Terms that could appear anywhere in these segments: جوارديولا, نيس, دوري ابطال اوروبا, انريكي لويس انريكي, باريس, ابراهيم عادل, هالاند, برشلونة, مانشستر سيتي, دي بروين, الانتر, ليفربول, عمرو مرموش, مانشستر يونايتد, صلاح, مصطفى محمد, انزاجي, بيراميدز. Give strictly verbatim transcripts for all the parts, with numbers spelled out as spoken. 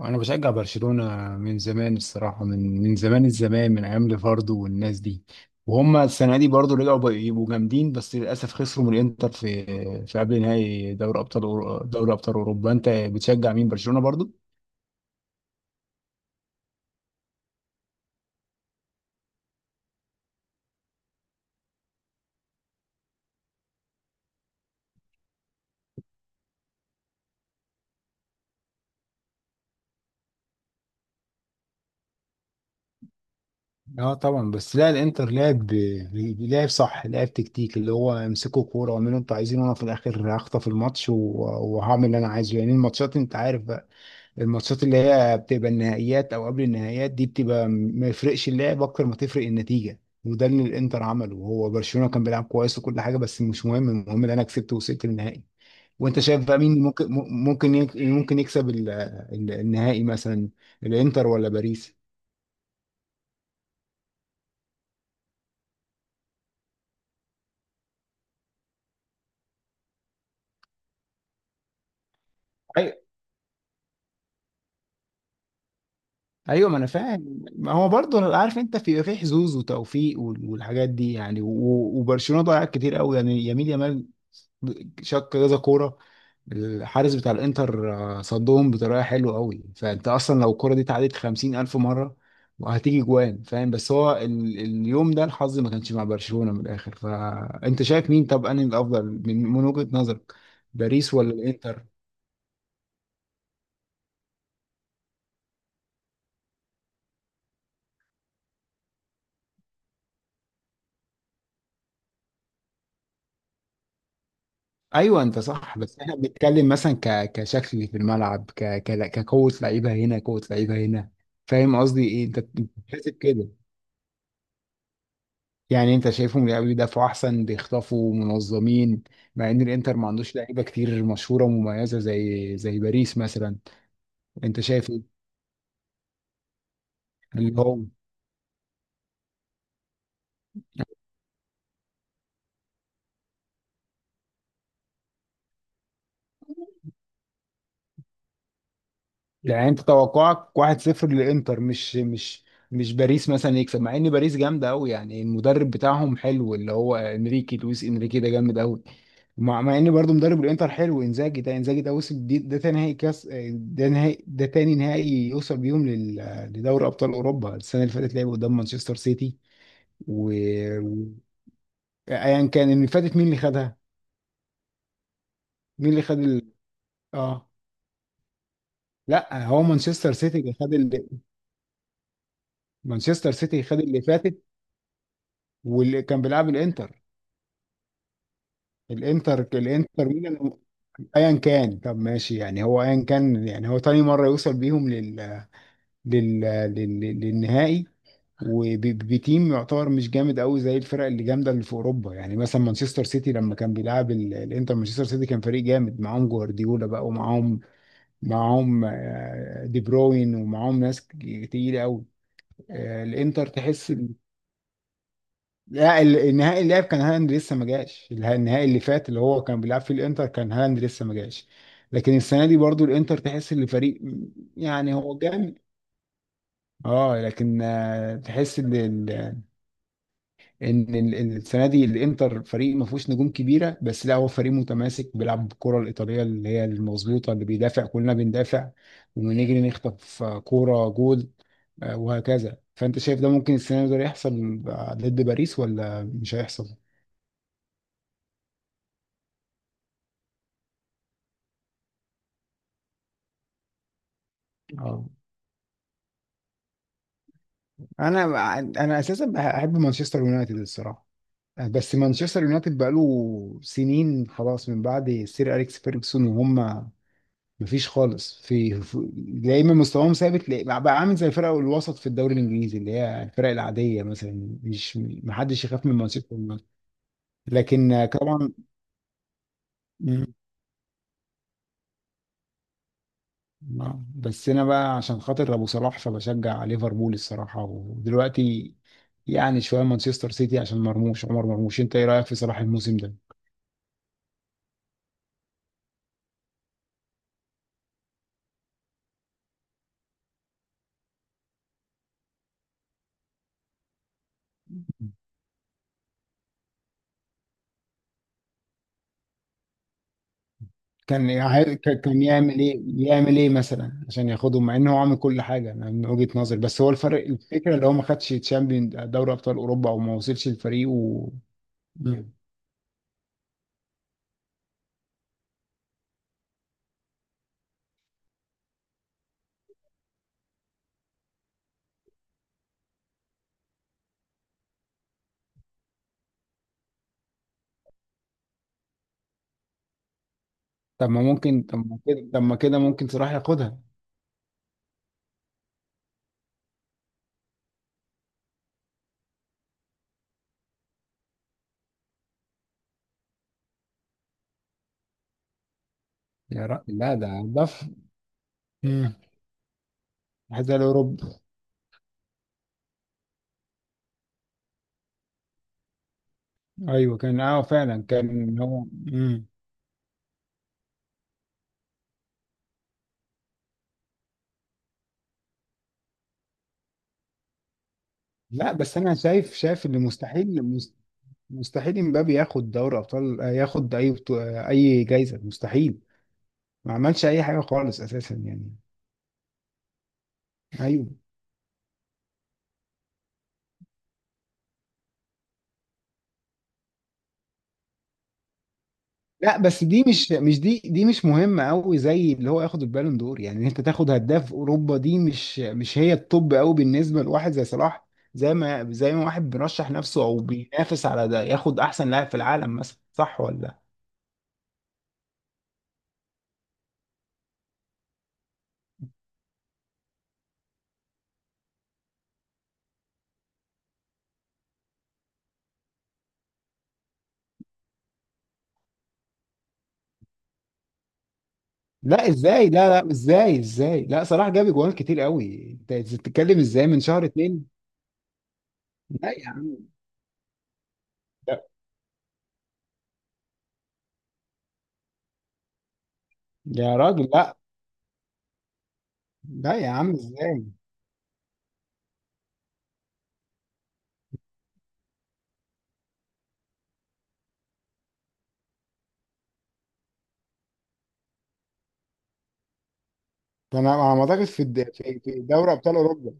انا بشجع برشلونة من زمان، الصراحة من من زمان الزمان، من ايام ليفاردو والناس دي. وهم السنة دي برضو رجعوا بقوا يبقوا جامدين، بس للاسف خسروا من الانتر في في قبل نهائي دوري ابطال أورو- دوري ابطال اوروبا. انت بتشجع مين؟ برشلونة برضو؟ اه طبعا. بس لا، الانتر لعب لعب صح، لعب تكتيك، اللي هو امسكوا كوره واعملوا انتوا عايزين، وانا في الاخر هخطف الماتش و- وهعمل اللي انا عايزه. يعني الماتشات انت عارف، الماتشات اللي هي بتبقى النهائيات او قبل النهائيات دي بتبقى م- ما يفرقش اللعب اكتر ما تفرق النتيجه. وده اللي الانتر عمله، وهو برشلونه كان بيلعب كويس وكل حاجه، بس مش مهم، المهم ان انا كسبت ووصلت للنهائي. وانت شايف بقى مين ممكن م- ممكن يك- ممكن يكسب ال- ال- النهائي مثلا؟ الانتر ولا باريس؟ أي- ايوه ما انا فاهم، ما هو برضه عارف انت في في حظوظ وتوفيق وال- والحاجات دي يعني، و- وبرشلونه ضيع كتير قوي يعني، يمين يامال شق كذا كوره. الحارس بتاع الانتر آه، صدهم بطريقه حلوه قوي، فانت اصلا لو الكوره دي اتعادت خمسين الف مره وهتيجي جوان، فاهم؟ بس هو ال... اليوم ده الحظ ما كانش مع برشلونه من الاخر. فانت شايف مين؟ طب انهي الافضل من... من وجهه نظرك؟ باريس ولا الانتر؟ ايوه انت صح، بس احنا بنتكلم مثلا ك... كشكل في الملعب، ك... ك... كقوه لعيبه هنا، قوه لعيبه هنا، فاهم قصدي ايه؟ انت أنت بتحسب كده. يعني انت شايفهم لا بيدافعوا احسن، بيخطفوا منظمين، مع ان الانتر ما عندوش لعيبه كتير مشهوره ومميزه زي زي باريس مثلا. انت شايف ايه؟ اللي هو يعني انت توقعك واحد صفر للانتر؟ مش مش مش باريس مثلا يكسب، مع ان باريس جامده قوي؟ يعني المدرب بتاعهم حلو، اللي هو انريكي، لويس انريكي ده جامد قوي. مع, مع ان برضه مدرب الانتر حلو، انزاجي ده، انزاجي ده وصل، دي ده تاني نهائي كاس، ده نهائي، ده تاني نهائي يوصل بيهم لل- لدوري ابطال اوروبا. السنه اللي فاتت لعبوا قدام مانشستر سيتي. و و- ايا كان اللي فاتت، مين اللي خدها؟ مين اللي خد ال... اه لا، هو مانشستر سيتي اللي خد اللي... مانشستر سيتي خد اللي فاتت، واللي كان بيلعب الانتر، الانتر الانتر ميلان. ايا كان طب ماشي. يعني هو ايا كان، يعني هو تاني مره يوصل بيهم لل... لل... لل... للنهائي. وبتيم يعتبر مش جامد قوي زي الفرق اللي جامده اللي في اوروبا، يعني مثلا مانشستر سيتي لما كان بيلعب ال- الانتر، مانشستر سيتي كان فريق جامد، معاهم جوارديولا بقى، ومعاهم معاهم آه، دي بروين، ومعاهم ناس ك- تقيلة قوي. آه، الانتر تحس إن- لا، ال- النهائي اللي لعب كان هالاند لسه ما جاش، اله- النهائي اللي فات اللي هو كان بيلعب فيه الانتر كان هالاند لسه ما جاش. لكن السنة دي برضو الانتر تحس ان الفريق يعني هو جامد. اه لكن آه، تحس ان ال- ان ال- ال- السنه دي الانتر فريق ما فيهوش نجوم كبيره، بس لا هو فريق متماسك بيلعب بالكره الايطاليه اللي هي المظبوطه، اللي بيدافع كلنا بندافع ونجري نخطف آه، كوره جول، آه، وهكذا. فانت شايف ده ممكن السنه دي ده يحصل ضد باريس ولا مش هيحصل؟ اه. انا انا اساسا بحب مانشستر يونايتد الصراحه، بس مانشستر يونايتد بقاله سنين خلاص من بعد سير اليكس فيرجسون، وهم مفيش خالص في في- يا اما مستواهم ثابت، لا- بقى عامل زي الفرق الوسط في الدوري الانجليزي، اللي هي الفرق العاديه مثلا، مش محدش يخاف من مانشستر يونايتد. لكن طبعا. مم. آه. بس انا بقى عشان خاطر ابو صلاح فبشجع ليفربول الصراحه، ودلوقتي يعني شويه مانشستر سيتي عشان مرموش، عمر مرموش. انت ايه رايك في صلاح الموسم ده؟ كان يع- ك- كان يعمل ايه، يعمل ايه مثلا عشان ياخدهم، مع ان هو عامل كل حاجه. انا من وجهه نظري، بس هو الفرق، الفكره اللي هو ما خدش تشامبيون دوري ابطال اوروبا، او ما وصلش للفريق و... مم. طب ما ممكن، طب ما كده طب ما كده ممكن صلاح ياخدها. يا رأي. لا ده ده في. مم. حذاء الاوروبا. ايوه كان، اه فعلا كان هو. مم. لا بس انا شايف، شايف اللي مستحيل، مست- مستحيل امبابي ياخد دوري ابطال، آه، ياخد اي بطو- آه، اي جايزه مستحيل. ما عملش اي حاجه خالص اساسا يعني. ايوه. لا بس دي مش مش دي دي مش مهمه قوي زي اللي هو ياخد البالون دور. يعني إن انت تاخد هداف اوروبا دي مش مش هي الطب قوي بالنسبه لواحد زي صلاح، زي ما زي ما واحد بيرشح نفسه او بينافس على ده ياخد احسن لاعب في العالم مثلا، صح ولا؟ لا ازاي، لا لا، ازاي ازاي، لا صلاح جاب اجوان كتير قوي، انت بتتكلم ازاي من شهر اتنين؟ لا يا عم، لا يا راجل، لا، لا يا عم ازاي. ده انا على ما اعتقد في الد- في في دوري ابطال اوروبا.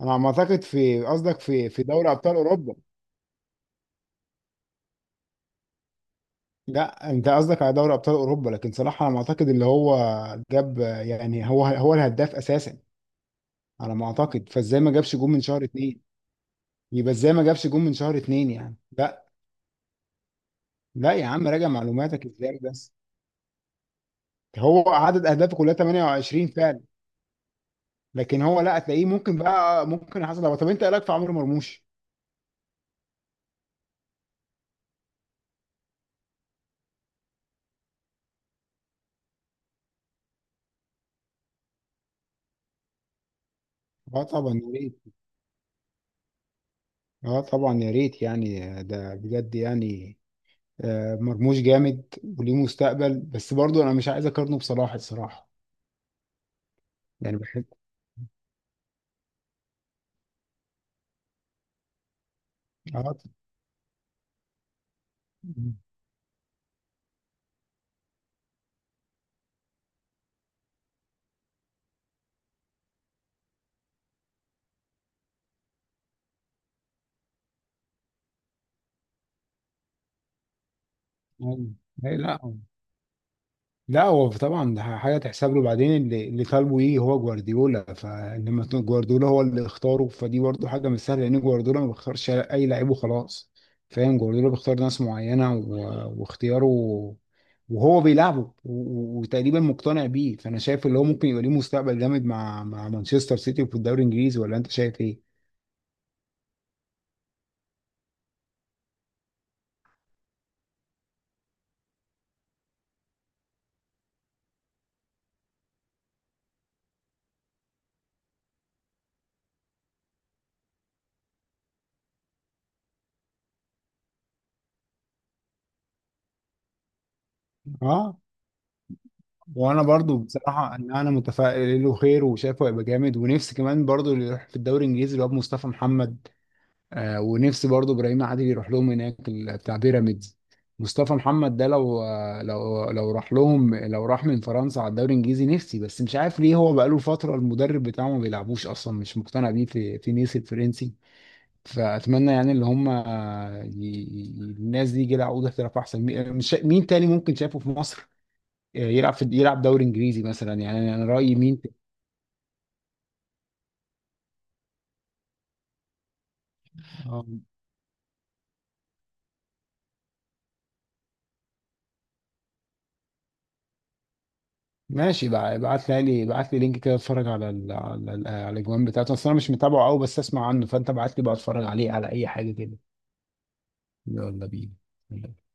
انا على ما اعتقد، في قصدك في في دوري ابطال اوروبا. لا انت قصدك على دوري ابطال اوروبا، لكن صلاح على ما اعتقد اللي هو جاب، يعني هو هو الهداف اساسا على ما اعتقد. فازاي ما جابش جون من شهر اتنين؟ يبقى ازاي ما جابش جون من شهر اتنين يعني؟ لا. لا يا عم راجع معلوماتك ازاي بس. هو عدد اهدافه كلها تمانية وعشرين فعلا، لكن هو، لا، هتلاقيه ممكن بقى، ممكن حصل. هو طب انت ايه رايك في عمرو مرموش؟ اه طبعا يا ريت. اه طبعا يا ريت، يعني ده بجد يعني. آه، مرموش جامد وليه مستقبل، بس برضو انا مش عايز اقارنه بصلاح الصراحه، يعني بحب. اه. أيوة. أي. لا، لا هو طبعا ده حاجه تحسب له. بعدين اللي اللي طالبه ايه؟ هو جوارديولا، فلما تكون جوارديولا هو اللي اختاره فدي برضو حاجه مش سهله، لان جوارديولا ما بيختارش اي لعيب وخلاص، فاهم؟ جوارديولا بيختار ناس معينه و- واختياره، وهو بيلعبه و- وتقريبا مقتنع بيه. فانا شايف اللي هو ممكن يبقى ليه مستقبل جامد مع مع مانشستر سيتي في الدوري الانجليزي، ولا انت شايف ايه؟ اه. وانا برضو بصراحه ان انا متفائل له خير وشايفه هيبقى جامد. ونفسي كمان برضو اللي يروح في الدوري الانجليزي اللي هو مصطفى محمد. آه، ونفسي برضو ابراهيم عادل يروح لهم هناك، ال- بتاع بيراميدز. مصطفى محمد ده لو آه، لو لو راح لهم، لو راح من فرنسا على الدوري الانجليزي، نفسي، بس مش عارف ليه هو بقاله فتره المدرب بتاعه ما بيلعبوش، اصلا مش مقتنع بيه في في نيس الفرنسي. فاتمنى يعني اللي هم آه، ي- ي- الناس دي يجي لها عقود احتراف احسن. مين، مش شا- مين تاني ممكن شايفه في مصر يلعب، في يلعب دوري انجليزي مثلا يعني، انا أنا رايي مين؟ اه ماشي بقى، ابعت لي لي ابعت لي لينك كده، اتفرج على ال... على ال... على الاجوان بتاعته، اصل انا مش متابعه قوي بس اسمع عنه. فانت ابعت لي بقى اتفرج عليه على اي حاجه كده. يلا بينا.